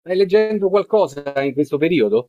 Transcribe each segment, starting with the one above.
Stai leggendo qualcosa in questo periodo?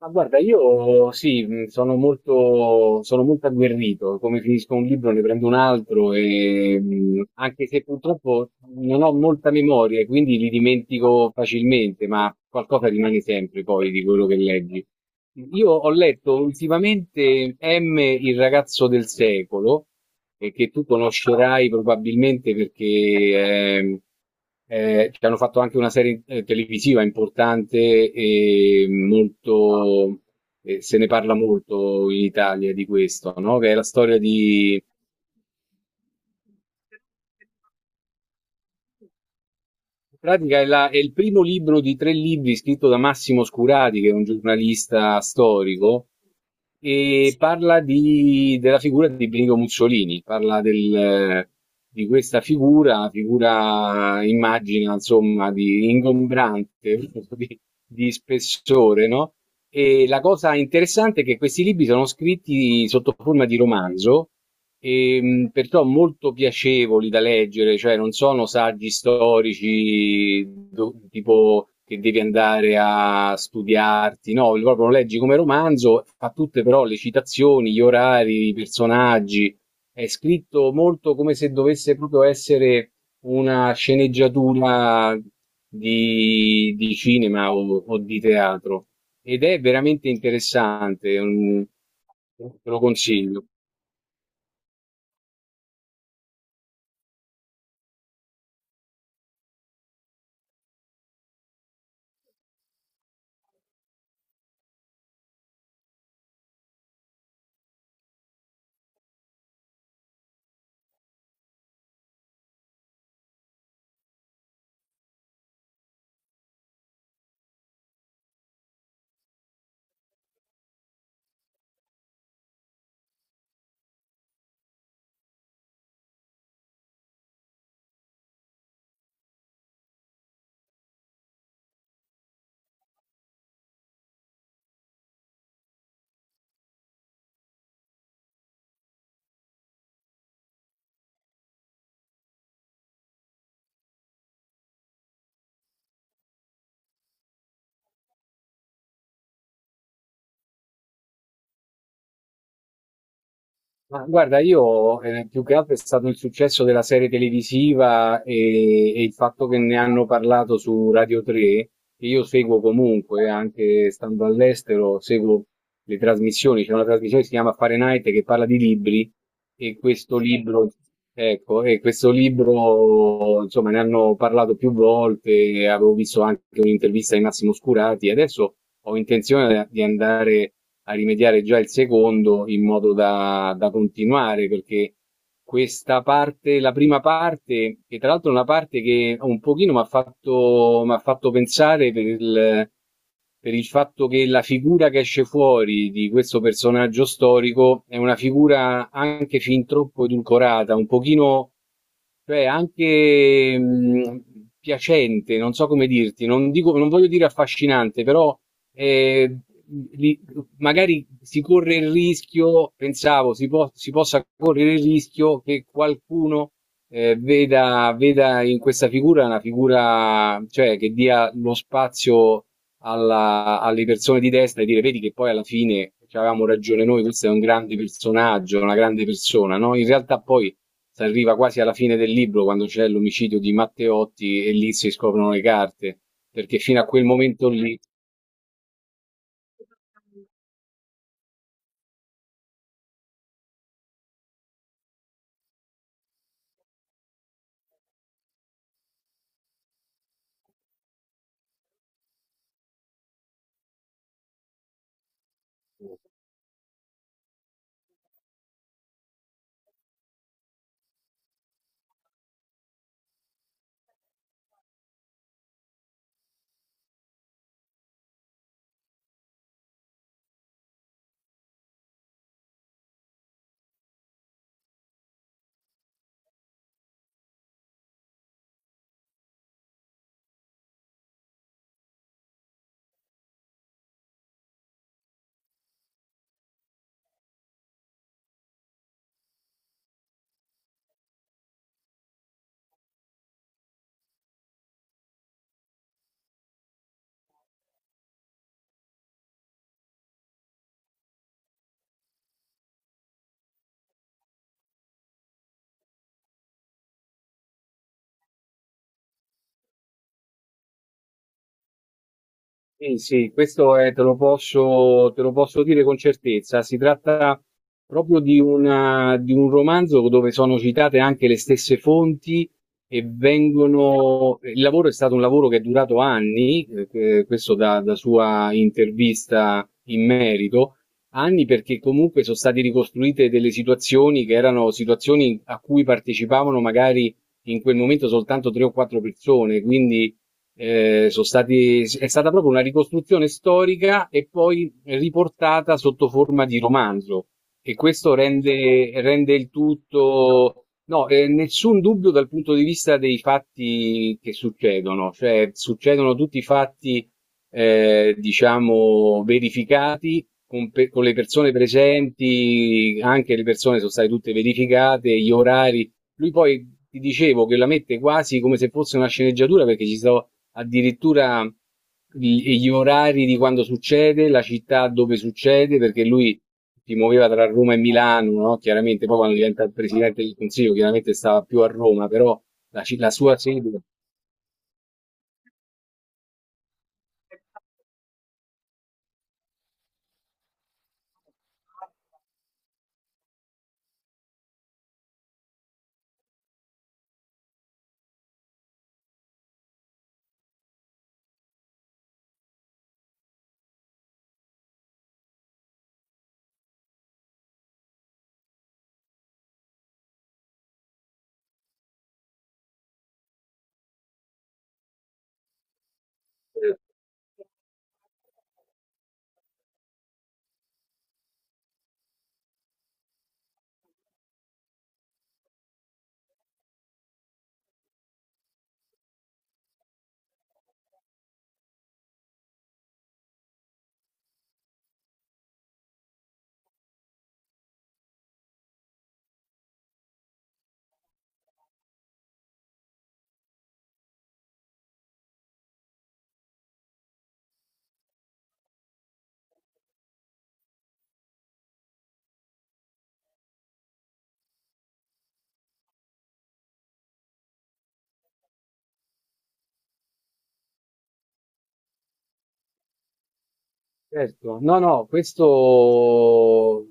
Ma guarda, io sì, sono molto agguerrito. Come finisco un libro ne prendo un altro e anche se purtroppo non ho molta memoria, e quindi li dimentico facilmente, ma qualcosa rimane sempre poi di quello che leggi. Io ho letto ultimamente M, il ragazzo del secolo, e che tu conoscerai probabilmente perché ehm, ci hanno fatto anche una serie televisiva importante e molto, se ne parla molto in Italia di questo, no? Che è la storia di... In pratica è, è il primo libro di tre libri scritto da Massimo Scurati, che è un giornalista storico, e parla della figura di Benito Mussolini, parla di questa figura, figura immagina insomma di ingombrante, di, di spessore, no? E la cosa interessante è che questi libri sono scritti sotto forma di romanzo. Perciò molto piacevoli da leggere, cioè non sono saggi storici tipo che devi andare a studiarti, no, proprio lo leggi come romanzo, fa tutte però le citazioni, gli orari, i personaggi, è scritto molto come se dovesse proprio essere una sceneggiatura di cinema o di teatro, ed è veramente interessante, mm, te lo consiglio. Ma guarda, io più che altro è stato il successo della serie televisiva e il fatto che ne hanno parlato su Radio 3, che io seguo comunque, anche stando all'estero, seguo le trasmissioni. C'è una trasmissione che si chiama Fahrenheit che parla di libri e questo. Sì. Libro. Ecco, e questo libro, insomma, ne hanno parlato più volte, avevo visto anche un'intervista di Massimo Scurati, e adesso ho intenzione di andare a rimediare già il secondo in modo da, da continuare, perché questa parte, la prima parte, che tra l'altro è una parte che un pochino mi ha fatto pensare per il fatto che la figura che esce fuori di questo personaggio storico è una figura anche fin troppo edulcorata, un pochino, cioè anche piacente, non so come dirti, non, dico, non voglio dire affascinante, però eh, li- magari si corre il rischio, pensavo, si, si possa correre il rischio che qualcuno veda in questa figura una figura, cioè, che dia lo spazio alle persone di destra e dire, vedi che poi alla fine ci avevamo ragione noi, questo è un grande personaggio, una grande persona, no? In realtà poi si arriva quasi alla fine del libro quando c'è l'omicidio di Matteotti e lì si scoprono le carte, perché fino a quel momento lì. Sì, sì, questo è te lo posso dire con certezza. Si tratta proprio di una di un romanzo dove sono citate anche le stesse fonti e vengono... Il lavoro è stato un lavoro che è durato anni, questo da, da sua intervista in merito, anni perché comunque sono state ricostruite delle situazioni che erano situazioni a cui partecipavano magari in quel momento soltanto tre o quattro persone, quindi sono stati, è stata proprio una ricostruzione storica e poi riportata sotto forma di romanzo. E questo rende, rende il tutto, no, nessun dubbio dal punto di vista dei fatti che succedono, cioè succedono tutti i fatti, diciamo, verificati con, con le persone presenti, anche le persone sono state tutte verificate, gli orari. Lui poi ti dicevo che la mette quasi come se fosse una sceneggiatura perché ci sono addirittura gli orari di quando succede, la città dove succede, perché lui si muoveva tra Roma e Milano, no? Chiaramente, poi quando diventa il presidente del Consiglio, chiaramente stava più a Roma, però la, la sua sede. Eh, certo, no, no, questo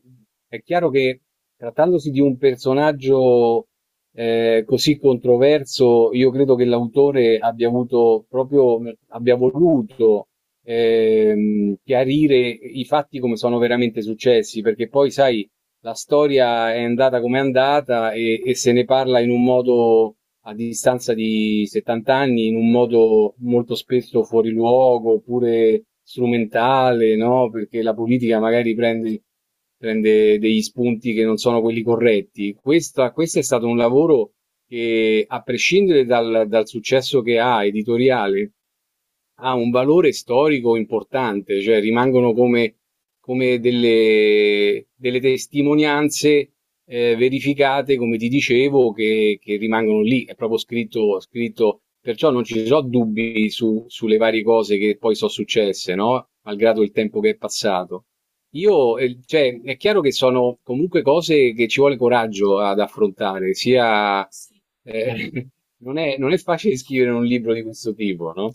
è chiaro che trattandosi di un personaggio così controverso, io credo che l'autore abbia avuto proprio, abbia voluto chiarire i fatti come sono veramente successi, perché poi, sai, la storia è andata come è andata e se ne parla in un modo a distanza di 70 anni in un modo molto spesso fuori luogo oppure strumentale, no? Perché la politica magari prende, prende degli spunti che non sono quelli corretti. Questa, questo è stato un lavoro che, a prescindere dal, dal successo che ha editoriale, ha un valore storico importante, cioè rimangono come, come delle, delle testimonianze verificate, come ti dicevo, che rimangono lì, è proprio scritto, scritto, perciò non ci sono dubbi sulle varie cose che poi sono successe, no? Malgrado il tempo che è passato. Io, cioè, è chiaro che sono comunque cose che ci vuole coraggio ad affrontare, sia, eh, non è facile scrivere un libro di questo tipo, no?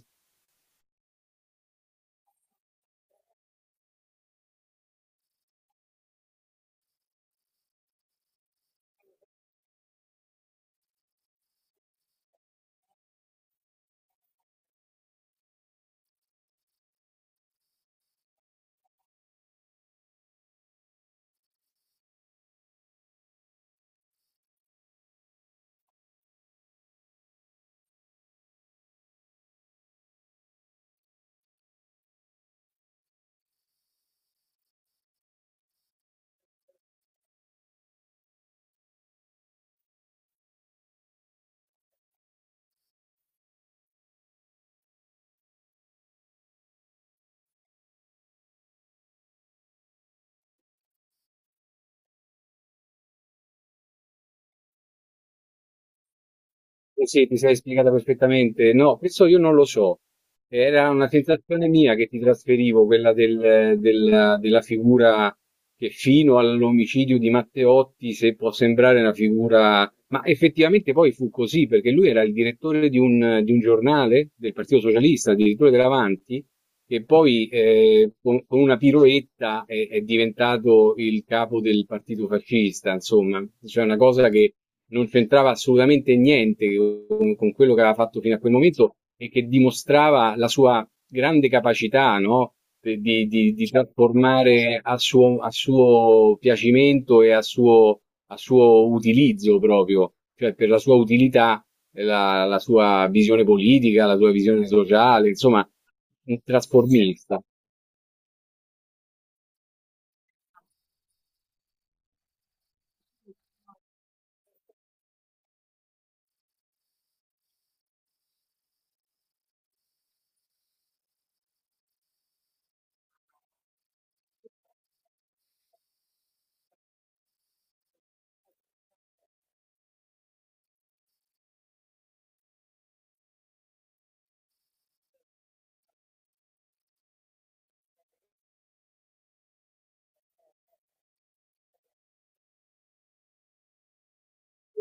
Sì, sì, ti sei spiegata perfettamente. No, questo io non lo so. Era una sensazione mia che ti trasferivo, quella della figura che fino all'omicidio di Matteotti, se può sembrare una figura... Ma effettivamente poi fu così, perché lui era il direttore di un giornale del Partito Socialista, addirittura dell'Avanti, e poi con una piroetta è diventato il capo del partito fascista, insomma, cioè una cosa che non c'entrava assolutamente niente con, con quello che aveva fatto fino a quel momento e che dimostrava la sua grande capacità, no? Di, di di trasformare a suo piacimento e a suo utilizzo proprio, cioè per la sua utilità la, la sua visione politica, la sua visione sociale, insomma, un trasformista.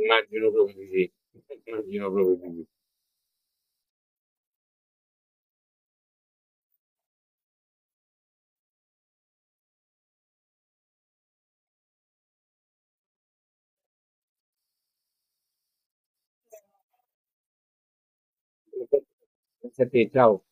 Immagino proprio di sì. Immagino proprio di sì. Grazie a te, ciao.